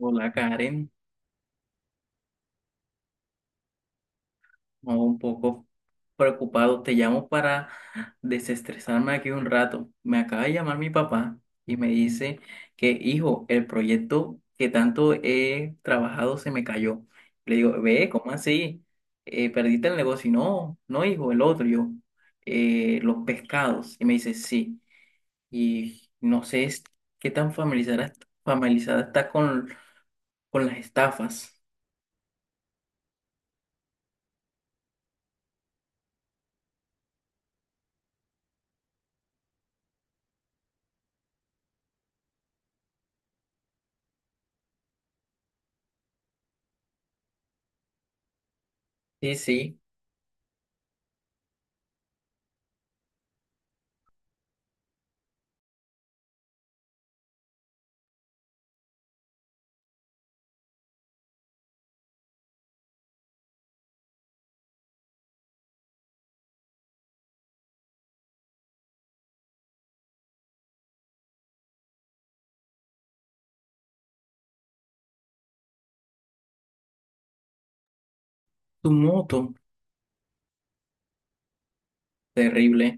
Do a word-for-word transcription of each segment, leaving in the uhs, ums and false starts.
Hola, Karen. No, un poco preocupado. Te llamo para desestresarme aquí un rato. Me acaba de llamar mi papá y me dice que, hijo, el proyecto que tanto he trabajado se me cayó. Le digo, ve, ¿cómo así? Eh, ¿perdiste el negocio? Y no, no, hijo, el otro. Y yo, "Eh, los pescados. Y me dice, sí. Y no sé es- qué tan familiarizada, familiarizada está con, con las estafas. Sí, sí, tu moto, terrible.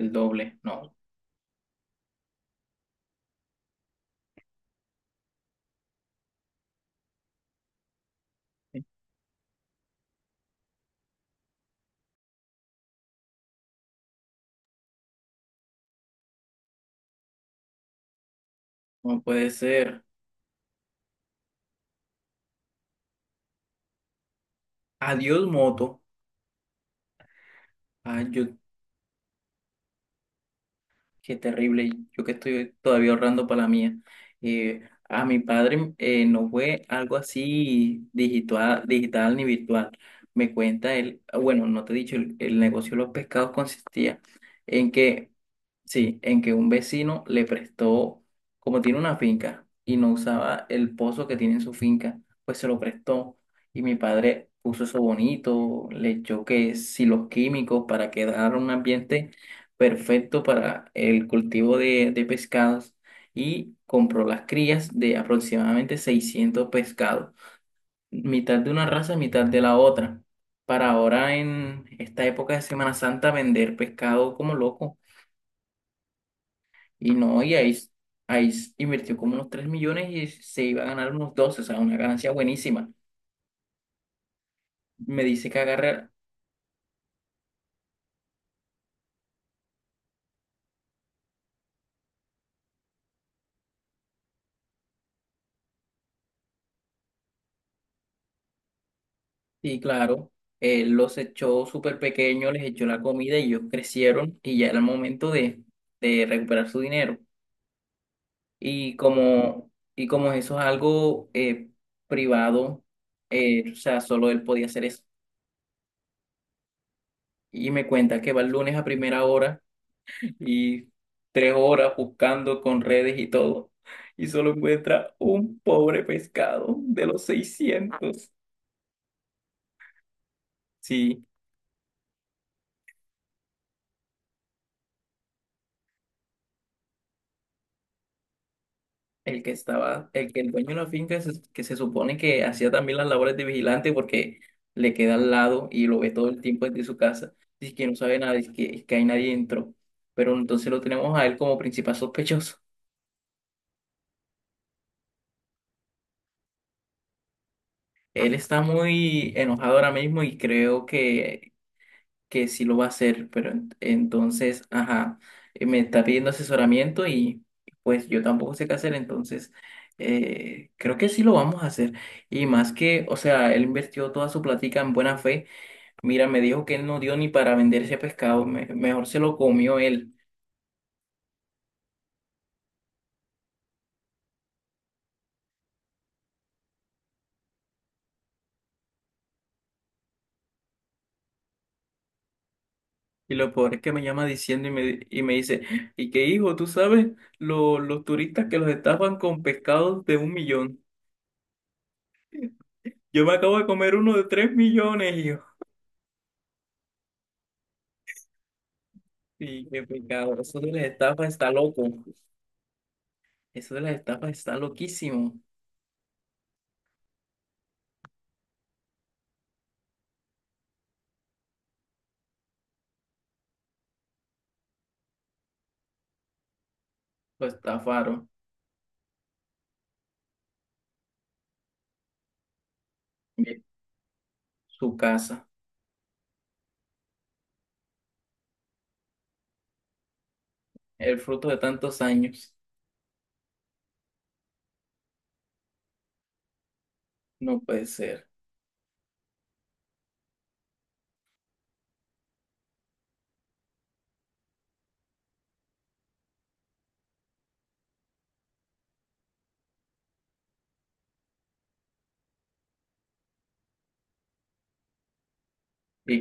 El doble, no, no puede ser. Adiós, moto. Ah, yo, qué terrible. Yo que estoy todavía ahorrando para la mía. Eh, a mi padre eh, no fue algo así digital, digital ni virtual. Me cuenta él, ah, bueno, no te he dicho, el, el negocio de los pescados consistía en que, sí, en que un vecino le prestó, como tiene una finca y no usaba el pozo que tiene en su finca, pues se lo prestó. Y mi padre puso eso bonito, le echó que si los químicos para quedar un ambiente perfecto para el cultivo de, de pescados, y compró las crías de aproximadamente seiscientos pescados, mitad de una raza, mitad de la otra. Para ahora en esta época de Semana Santa vender pescado como loco. Y no, y ahí, ahí invirtió como unos tres millones y se iba a ganar unos doce, o sea, una ganancia buenísima. Me dice que agarra, y claro, él los echó súper pequeños, les echó la comida y ellos crecieron y ya era el momento de, de recuperar su dinero. Y como, y como eso es algo eh, privado, eh, o sea, solo él podía hacer eso. Y me cuenta que va el lunes a primera hora y tres horas buscando con redes y todo, y solo encuentra un pobre pescado de los seiscientos. Sí, el que estaba, el que el dueño de la finca se- que se supone que hacía también las labores de vigilante porque le queda al lado y lo ve todo el tiempo desde su casa, dice que no sabe nada, dice que, que hay nadie dentro, pero entonces lo tenemos a él como principal sospechoso. Él está muy enojado ahora mismo y creo que que sí lo va a hacer, pero en- entonces, ajá, eh, me está pidiendo asesoramiento y pues yo tampoco sé qué hacer, entonces eh, creo que sí lo vamos a hacer. Y más que, o sea, él invirtió toda su plática en buena fe. Mira, me dijo que él no dio ni para vender ese pescado, me- mejor se lo comió él. Y lo peor es que me llama diciendo y me, di- y me dice, ¿y qué, hijo? ¿Tú sabes lo- los turistas que los estafan con pescados de un millón? Yo me acabo de comer uno de tres millones. Sí, qué pecado. Eso de las estafas está loco. Eso de las estafas está loquísimo. Lo estafaron. Bien, su casa. El fruto de tantos años. No puede ser. Sí,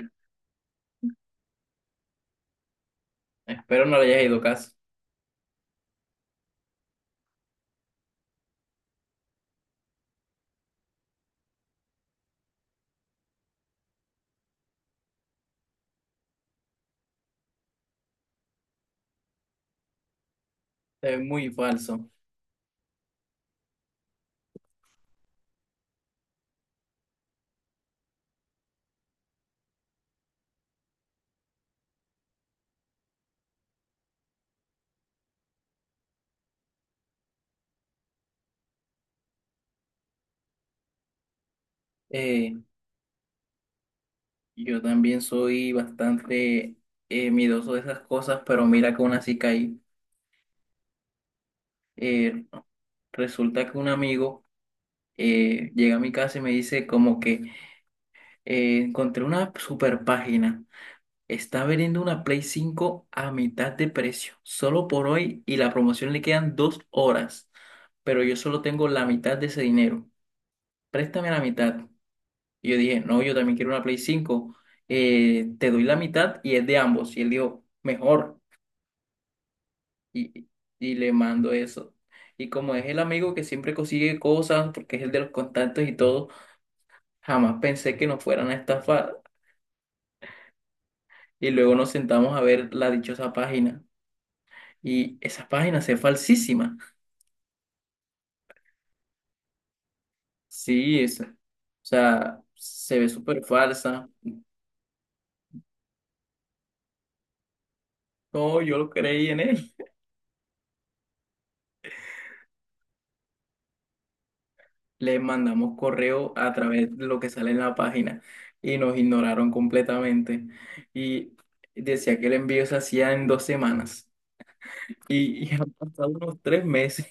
espero no le haya ido caso. Es muy falso. Eh, yo también soy bastante eh, miedoso de esas cosas, pero mira que aún así caí. Eh, resulta que un amigo eh, llega a mi casa y me dice como que eh, encontré una super página. Está vendiendo una Play cinco a mitad de precio, solo por hoy y la promoción le quedan dos horas, pero yo solo tengo la mitad de ese dinero. Préstame la mitad. Y yo dije, no, yo también quiero una Play cinco. Eh, te doy la mitad y es de ambos. Y él dijo, mejor. Y, y le mando eso. Y como es el amigo que siempre consigue cosas, porque es el de los contactos y todo, jamás pensé que nos fueran a estafar. Y luego nos sentamos a ver la dichosa página. Y esa página se es falsísima. Sí, es, o sea, se ve súper falsa. No, yo lo creí en él. Le mandamos correo a través de lo que sale en la página y nos ignoraron completamente. Y decía que el envío se hacía en dos semanas. Y, y han pasado unos tres meses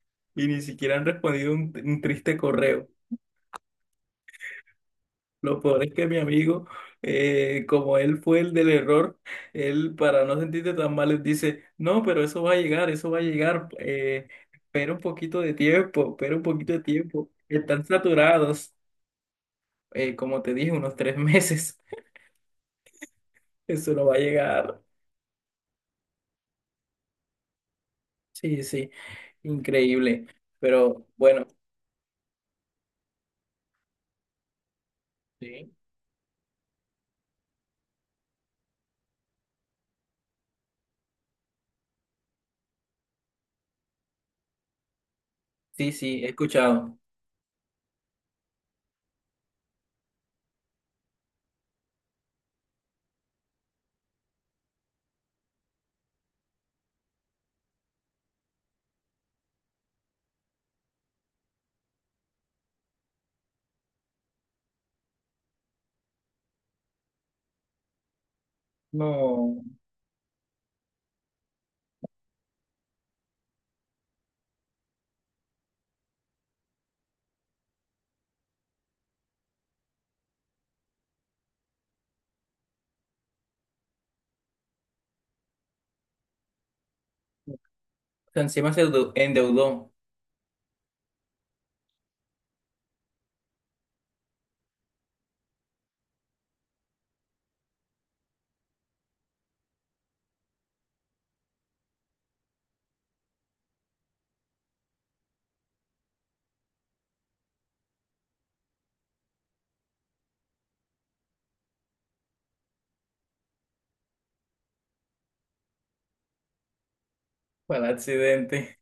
y ni siquiera han respondido un, un triste correo. Lo peor es que mi amigo, eh, como él fue el del error, él para no sentirte tan mal les dice, no, pero eso va a llegar, eso va a llegar, eh, espera un poquito de tiempo, espera un poquito de tiempo. Están saturados. eh, como te dije, unos tres meses. Eso no va a llegar. Sí, sí, increíble. Pero bueno, sí, sí, sí, he escuchado. No, encima se endeudó, fue el accidente,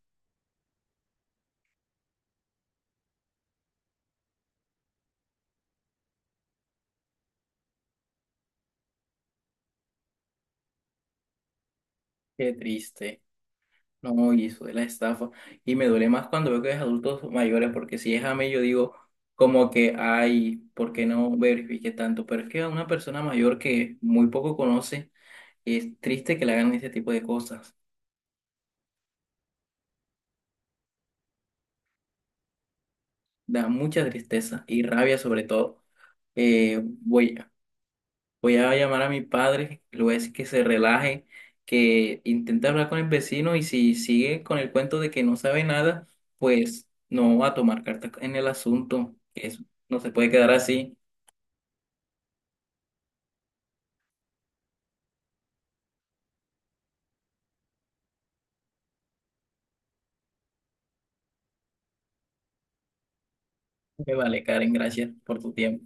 qué triste. No, y eso de la estafa. Y me duele más cuando veo que es adultos mayores, porque si es a mí, yo digo, como que, ay, ¿por qué no verifique tanto? Pero es que a una persona mayor que muy poco conoce, es triste que le hagan ese tipo de cosas. Da mucha tristeza y rabia sobre todo. Eh, voy, Voy a llamar a mi padre, le voy a decir que se relaje, que intente hablar con el vecino y si sigue con el cuento de que no sabe nada, pues no va a tomar cartas en el asunto. Que Eso no se puede quedar así. Me vale, Karen, gracias por tu tiempo.